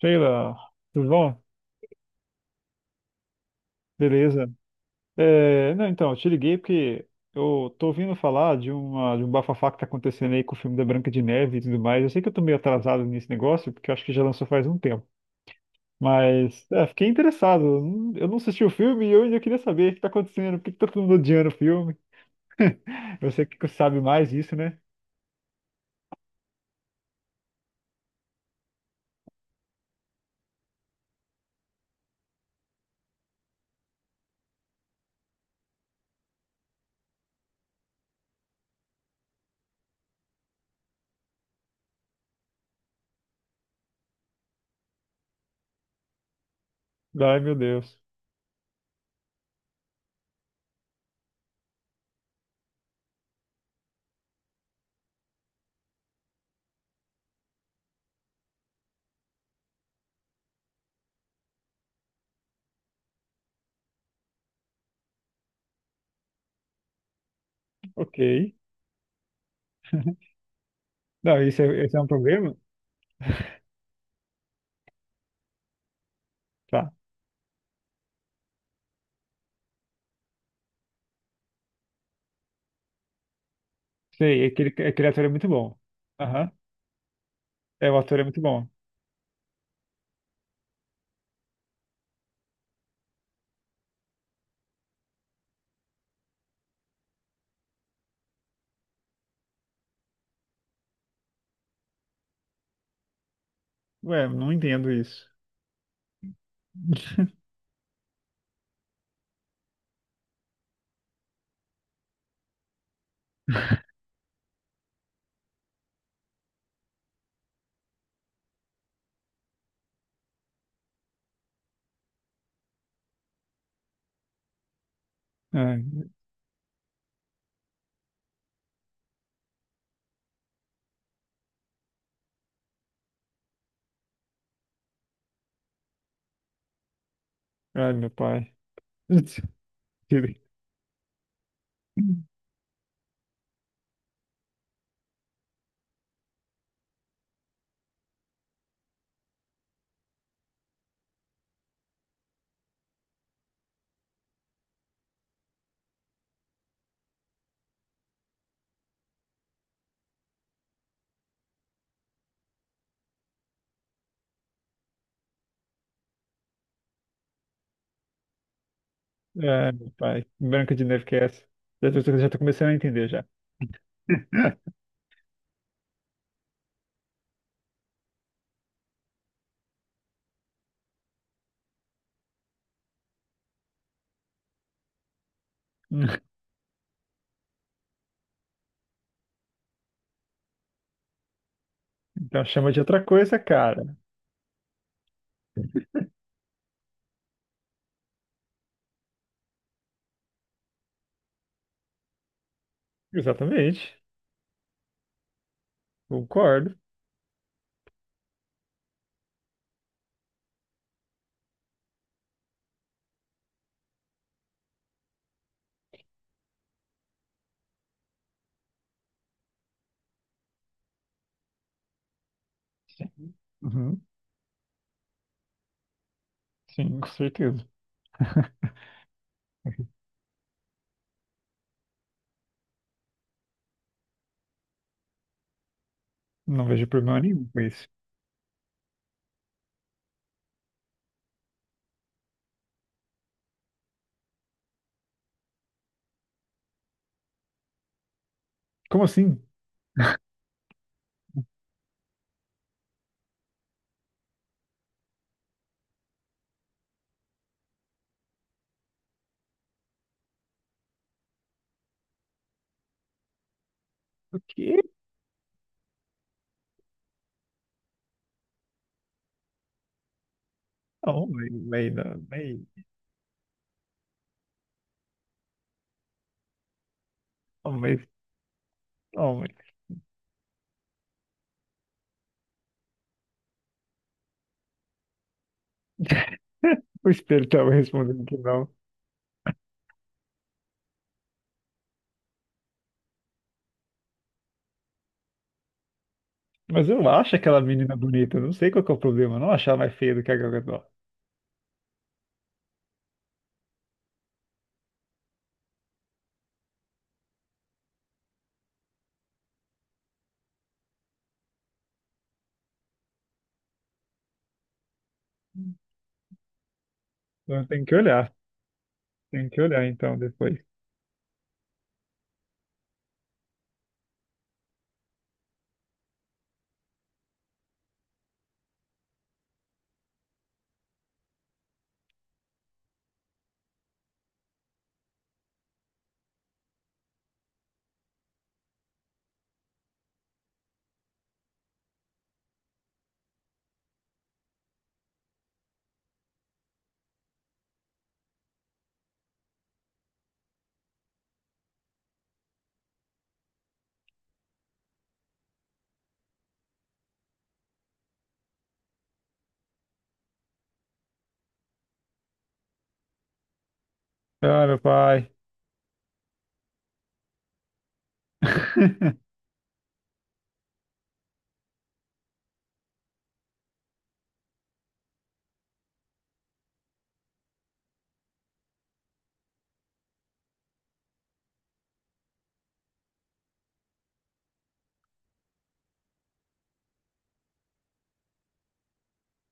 Sheila, tudo bom? Beleza. É, não, então, eu te liguei porque eu tô ouvindo falar de um bafafá que tá acontecendo aí com o filme da Branca de Neve e tudo mais. Eu sei que eu tô meio atrasado nesse negócio, porque eu acho que já lançou faz um tempo. Mas, é, fiquei interessado. Eu não assisti o filme e eu ainda queria saber o que tá acontecendo, por que que tá todo mundo odiando o filme. Você que sabe mais disso, né? Ai, meu Deus. Ok. Não, esse é um problema? Tá. Sei, aquele ator é muito bom. Aham. É, o ator é muito bom. Ué, não entendo isso. Ai, ai, meu pai. Ai, meu pai. Branca de Neve que é essa? Já tô começando a entender já. Então chama de outra coisa, cara. Exatamente. Concordo. Uhum. Sim, com certeza. Não vejo problema nenhum com isso. Como assim? O quê? Oh, mas, não, mas, oh, mas, oh, mas. O espelho tava respondendo que não. Mas eu acho aquela menina bonita, não sei qual que é o problema, eu não achar mais feia do que a Gal Gadot. Então tem que olhar, tem que olhar então depois. Ah, meu pai.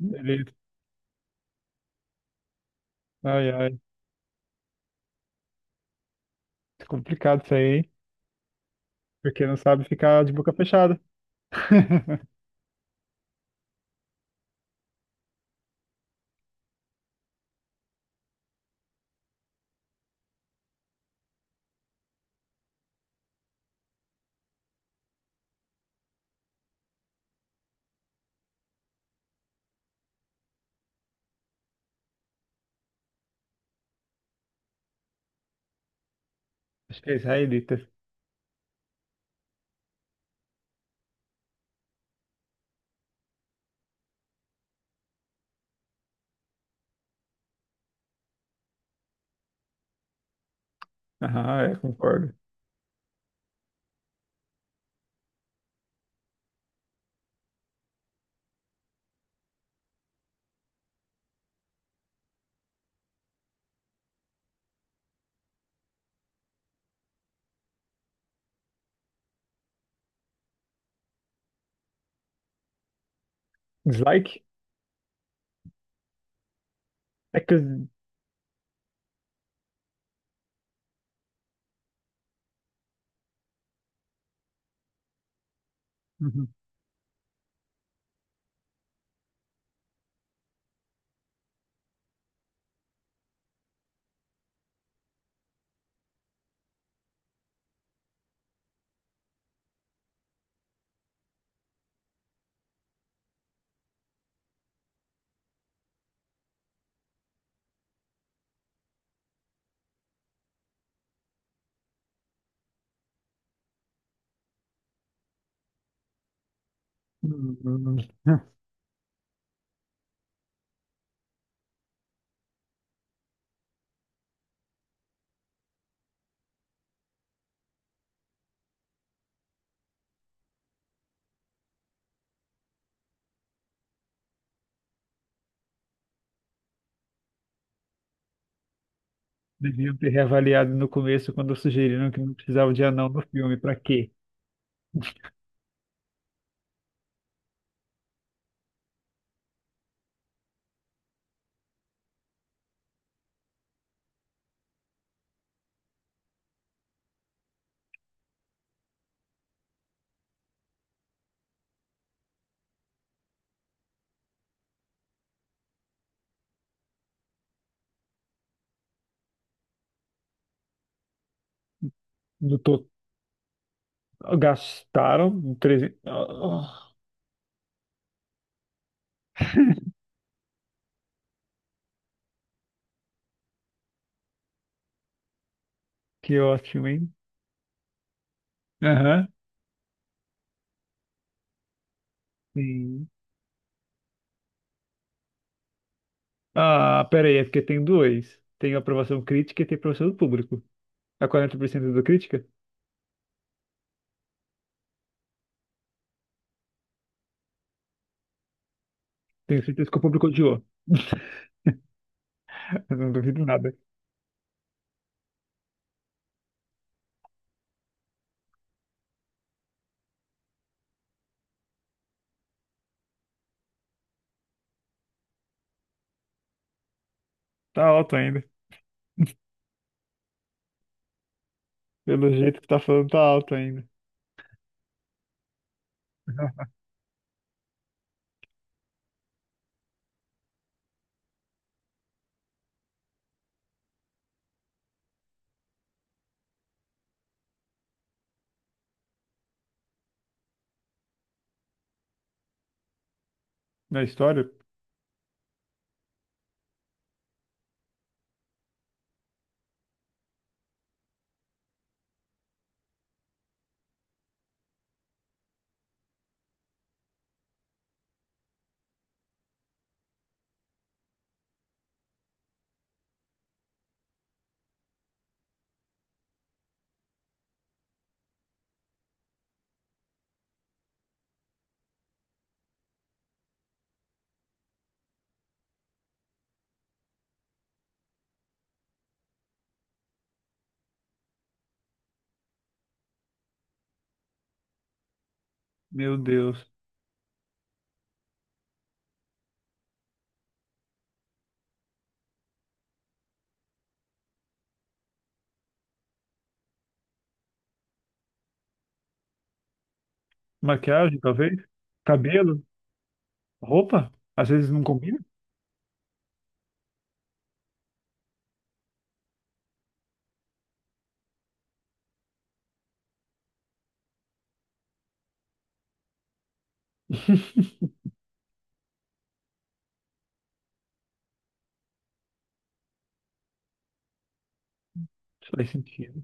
Beleza. Ai, ai. É complicado isso aí, hein? Porque não sabe ficar de boca fechada. Acho que é israelita. Aham, é, concordo. Dislike? É que. Uhum. Deviam ter reavaliado no começo quando sugeriram que não precisava de anão no filme. Pra quê? No to... Gastaram 300. Oh, que ótimo, hein? Aham. Sim. Ah, pera aí, é porque tem dois. Tem a aprovação crítica e tem a aprovação do público. A 40% da crítica? Tenho certeza que o público odiou. Eu não duvido nada. Tá alto ainda. Pelo jeito que tá falando, tá alto ainda. Na história? Meu Deus. Maquiagem, talvez? Cabelo? Roupa? Às vezes não combina? Faz sentido.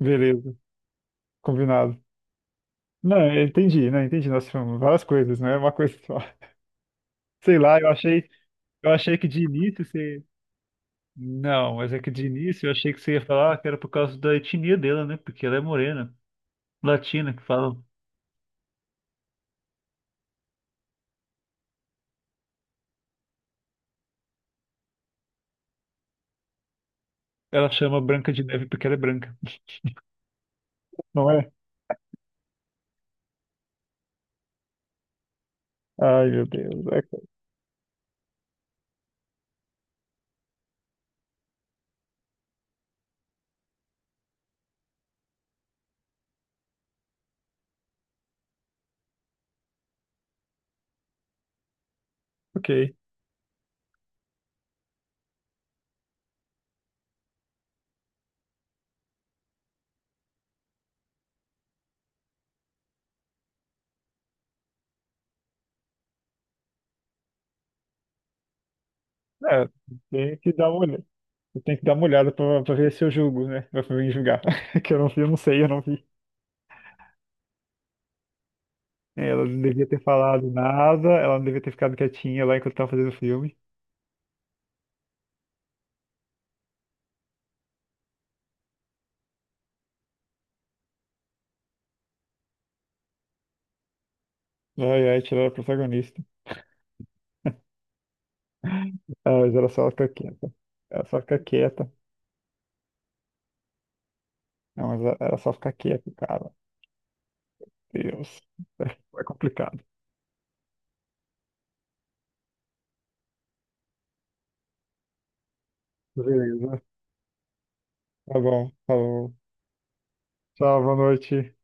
Beleza, combinado. Não, eu entendi, né? Entendi. Nós falamos várias coisas, não é uma coisa só. Sei lá, eu achei que de início você. Não, mas é que de início eu achei que você ia falar que era por causa da etnia dela, né? Porque ela é morena, latina, que falam. Ela chama Branca de Neve porque ela é branca. Não é? Ai, meu Deus. É, ok. É, tem que dar uma olhada. Eu tenho que dar uma olhada pra ver se eu julgo, né? Pra mim julgar. Que eu não sei, eu não vi. É, ela não devia ter falado nada, ela não devia ter ficado quietinha lá enquanto estava fazendo o filme. Ai, ai, tirar a protagonista. Ah, mas ela só fica quieta. Ela só fica quieta. Não, mas ela só fica quieta, cara. Deus. É complicado. Beleza. Tá bom, falou. Tchau, boa noite.